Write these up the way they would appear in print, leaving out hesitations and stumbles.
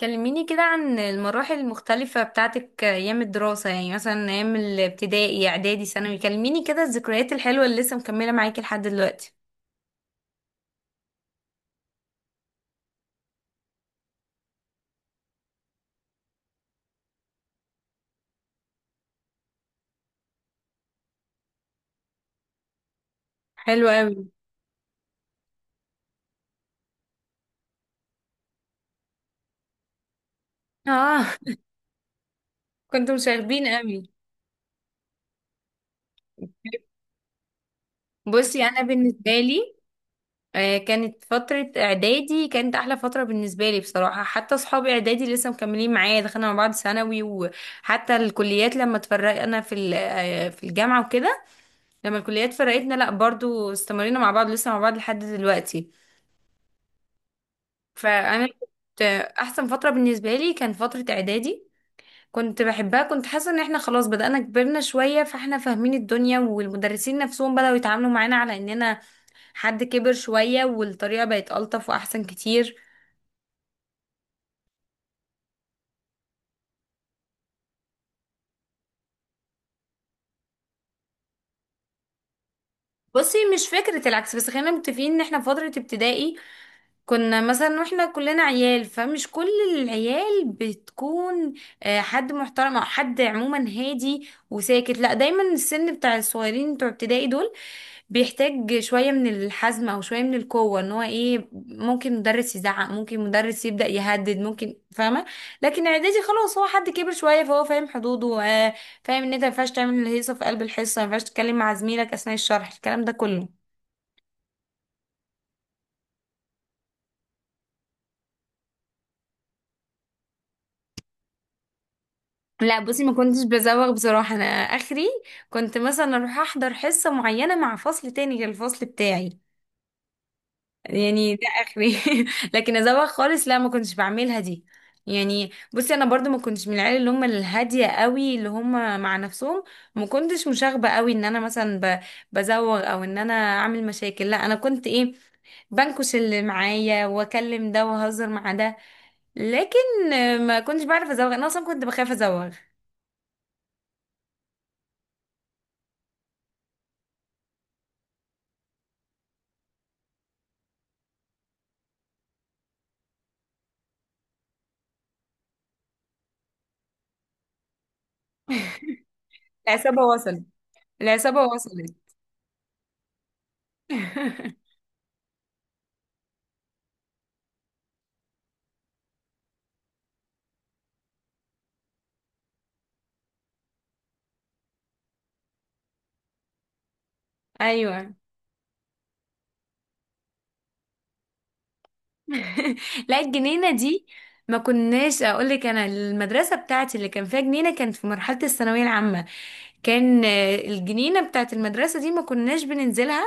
كلميني كده عن المراحل المختلفة بتاعتك أيام الدراسة، يعني مثلا أيام الابتدائي إعدادي ثانوي. كلميني كده الذكريات الحلوة اللي لسه مكملة معاكي لحد دلوقتي. حلو قوي. اه. كنتوا مشاغبين قوي. بصي، أنا بالنسبة لي، كانت فترة إعدادي كانت أحلى فترة بالنسبة لي بصراحة. حتى أصحابي إعدادي لسه مكملين معايا، دخلنا مع بعض ثانوي، وحتى الكليات لما اتفرقنا في ال- آه، في الجامعة وكده. لما الكليات فرقتنا، لأ برضو استمرينا مع بعض، لسه مع بعض لحد دلوقتي. فانا كنت احسن فتره بالنسبه لي كان فتره اعدادي. كنت بحبها، كنت حاسه ان احنا خلاص بدأنا كبرنا شويه، فاحنا فاهمين الدنيا، والمدرسين نفسهم بدأوا يتعاملوا معانا على اننا حد كبر شويه، والطريقه بقت ألطف واحسن كتير. بصي، مش فكره العكس، بس خلينا متفقين ان احنا في فتره ابتدائي كنا مثلا، واحنا كلنا عيال، فمش كل العيال بتكون حد محترم، او حد عموما هادي وساكت، لا. دايما السن بتاع الصغيرين بتوع ابتدائي دول بيحتاج شوية من الحزم او شوية من القوة، ان هو ايه، ممكن مدرس يزعق، ممكن مدرس يبدأ يهدد، ممكن، فاهمة؟ لكن اعدادي خلاص، هو حد كبر شوية فهو فاهم حدوده. فاهم ان انت مينفعش تعمل الهيصة في قلب الحصة، مينفعش تتكلم مع زميلك اثناء الشرح، الكلام ده كله. لا، بصي ما كنتش بزوغ بصراحة. انا اخري كنت مثلا اروح احضر حصة معينة مع فصل تاني غير الفصل بتاعي، يعني ده اخري. لكن ازوغ خالص، لا ما كنتش بعملها دي. يعني بصي، انا برضو ما كنتش من العيال اللي هم الهادية قوي، اللي هم مع نفسهم. ما كنتش مشاغبة قوي، ان انا مثلا بزوغ او ان انا اعمل مشاكل، لا. انا كنت ايه، بنكش اللي معايا واكلم ده واهزر مع ده. لكن ما كنتش بعرف ازوغ، انا اصلا كنت بخاف ازوغ. العصابة وصلت، العصابة وصلت. ايوه. لا، الجنينة دي، ما كناش اقول لك، انا المدرسة بتاعتي اللي كان فيها جنينة كانت في مرحلة الثانوية العامة. كان الجنينة بتاعت المدرسة دي ما كناش بننزلها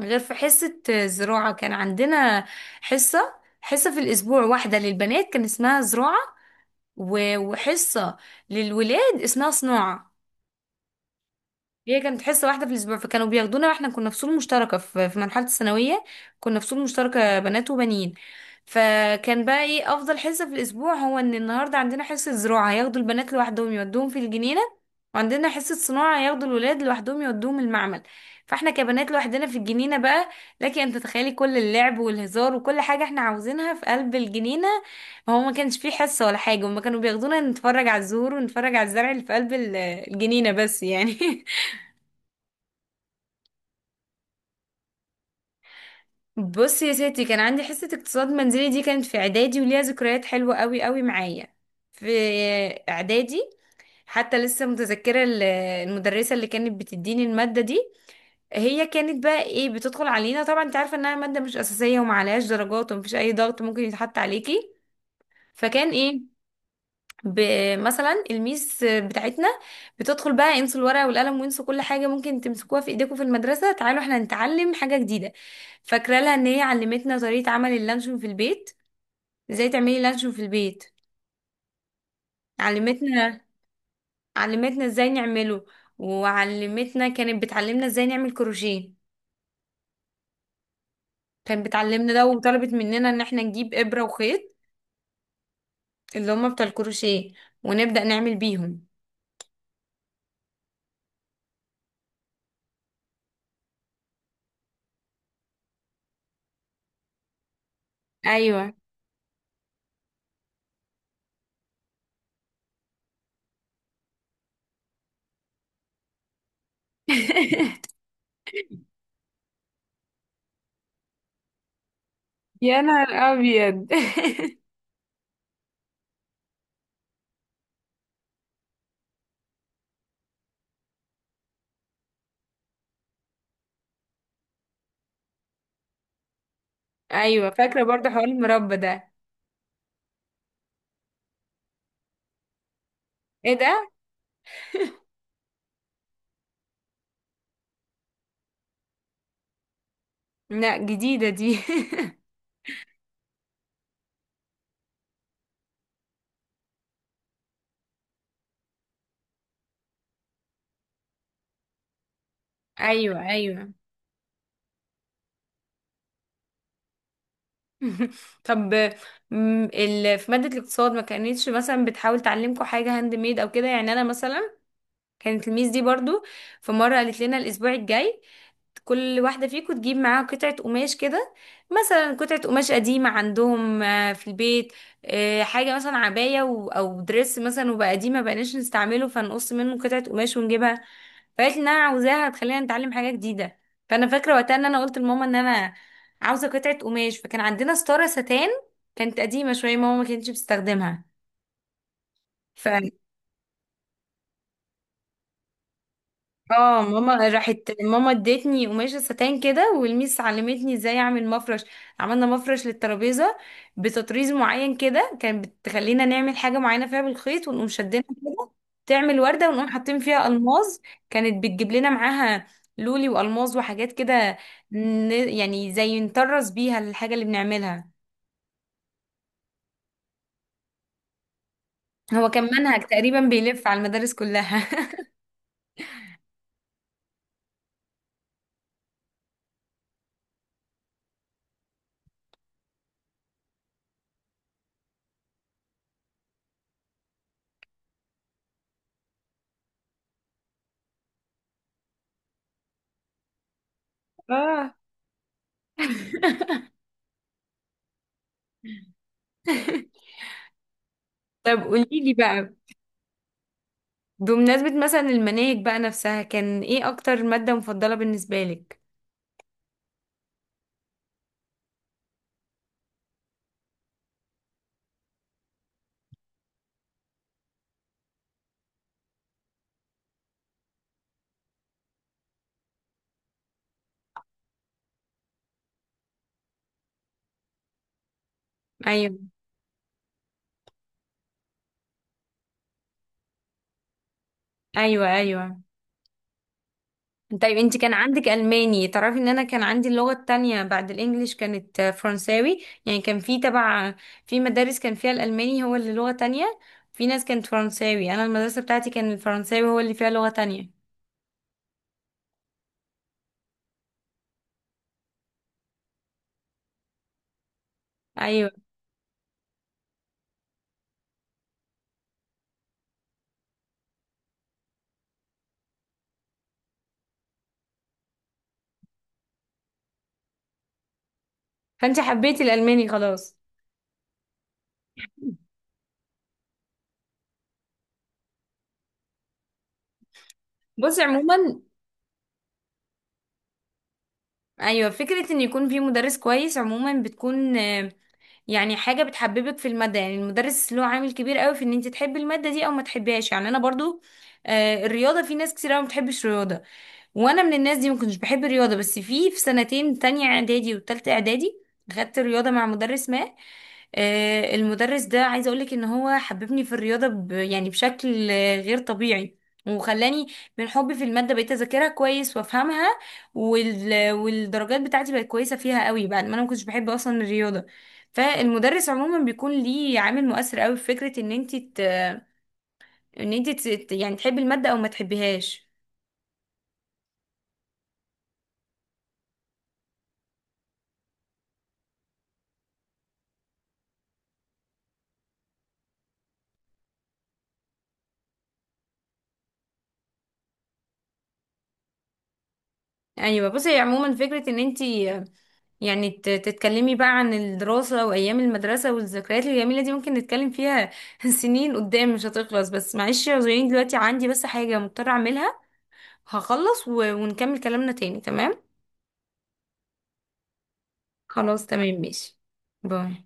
غير في حصة زراعة. كان عندنا حصة حصة في الأسبوع، واحدة للبنات كان اسمها زراعة، وحصة للولاد اسمها صناعة. هي كانت حصة واحدة في الأسبوع، فكانوا بياخدونا واحنا كنا في فصول مشتركة، في مرحلة الثانوية كنا في فصول مشتركة بنات وبنين. فكان بقى ايه أفضل حصة في الأسبوع، هو إن النهاردة عندنا حصة زراعة، هياخدوا البنات لوحدهم يودوهم في الجنينة، وعندنا حصة صناعة ياخدوا الولاد لوحدهم يودوهم المعمل. فاحنا كبنات لوحدنا في الجنينة بقى. لكن انت تخيلي كل اللعب والهزار وكل حاجة احنا عاوزينها في قلب الجنينة. هو ما كانش فيه حصة ولا حاجة، هما كانوا بياخدونا نتفرج على الزهور ونتفرج على الزرع اللي في قلب الجنينة بس يعني. بص يا ستي، كان عندي حصة اقتصاد منزلي، دي كانت في اعدادي وليها ذكريات حلوة قوي قوي معايا في اعدادي. حتى لسه متذكرة المدرسة اللي كانت بتديني المادة دي. هي كانت بقى ايه، بتدخل علينا، طبعا انت عارفة انها مادة مش اساسية ومعلهاش درجات ومفيش اي ضغط ممكن يتحط عليكي. فكان ايه، مثلا الميس بتاعتنا بتدخل بقى، انسوا الورقه والقلم وانسوا كل حاجه ممكن تمسكوها في ايديكم في المدرسه، تعالوا احنا نتعلم حاجه جديده. فاكره لها ان هي علمتنا طريقه عمل اللانشون في البيت. ازاي تعملي لانشون في البيت. علمتنا علمتنا ازاي نعمله. وعلمتنا، كانت بتعلمنا ازاي نعمل كروشيه. كانت بتعلمنا ده وطلبت مننا ان احنا نجيب ابره وخيط، اللي هما بتاع الكروشيه، ونبدا نعمل بيهم. ايوه. يا نهار ابيض. ايوه فاكره برضه حوار المربى ده. ايه ده؟ لا جديده دي. ايوه ايوه. طب، في ماده الاقتصاد ما كانتش مثلا بتحاول تعلمكم حاجه هاند ميد او كده يعني. انا مثلا كانت الميس دي برضو، في مره قالت لنا الاسبوع الجاي كل واحدة فيكم تجيب معاها قطعة قماش كده، مثلا قطعة قماش قديمة عندهم في البيت. حاجة مثلا عباية أو دريس مثلا، وبقى قديم ما بقناش نستعمله، فنقص منه قطعة قماش ونجيبها. فقالت لي إن أنا عاوزاها هتخلينا نتعلم حاجة جديدة. فأنا فاكرة وقتها إن أنا قلت لماما إن أنا عاوزة قطعة قماش، فكان عندنا ستارة ستان كانت قديمة شوية ماما ما كانتش بتستخدمها. ف اه ماما راحت ماما ادتني قماشة ستان كده، والميس علمتني ازاي اعمل مفرش. عملنا مفرش للترابيزة بتطريز معين كده، كانت بتخلينا نعمل حاجة معينة فيها بالخيط ونقوم شدينها كده، تعمل وردة ونقوم حاطين فيها ألماظ. كانت بتجيب لنا معاها لولي وألماظ وحاجات كده، يعني زي نطرز بيها الحاجة اللي بنعملها. هو كان منهج تقريبا بيلف على المدارس كلها. اه. طب قولي لي بقى، بمناسبة مثلا المناهج بقى نفسها، كان ايه اكتر مادة مفضلة بالنسبة لك؟ ايوه ايوه ايوه. طيب، انت كان عندك الماني؟ تعرفي ان انا كان عندي اللغة التانية بعد الانجليش كانت فرنساوي. يعني كان في تبع، في مدارس كان فيها الالماني هو اللي لغة تانية، في ناس كانت فرنساوي. انا المدرسة بتاعتي كان الفرنساوي هو اللي فيها لغة تانية. ايوه، فانت حبيتي الالماني خلاص. بصي عموما، ايوه فكرة ان يكون في مدرس كويس عموما بتكون، يعني حاجة بتحببك في المادة، يعني المدرس له عامل كبير قوي في ان انت تحبي المادة دي او ما تحبيهاش. يعني انا برضو الرياضة، في ناس كتير قوي ما بتحبش الرياضة، وانا من الناس دي ما كنتش بحب الرياضه. بس في سنتين تانية اعدادي وتالتة اعدادي، خدت رياضه مع مدرس ما. المدرس ده عايزه اقولك ان هو حببني في الرياضه يعني بشكل غير طبيعي. وخلاني من حبي في الماده بقيت اذاكرها كويس وافهمها. والدرجات بتاعتي بقت كويسه فيها قوي بعد ما انا ما كنتش بحب اصلا الرياضه. فالمدرس عموما بيكون ليه عامل مؤثر قوي في فكره ان انت يعني تحبي الماده او ما تحبيهاش. ايوه، بصي عموما فكره ان انت، يعني تتكلمي بقى عن الدراسه وايام المدرسه والذكريات الجميله دي، ممكن نتكلم فيها سنين قدام مش هتخلص. بس معلش يا زوين، دلوقتي عندي بس حاجه مضطره اعملها، هخلص ونكمل كلامنا تاني، تمام؟ خلاص تمام ماشي. باي.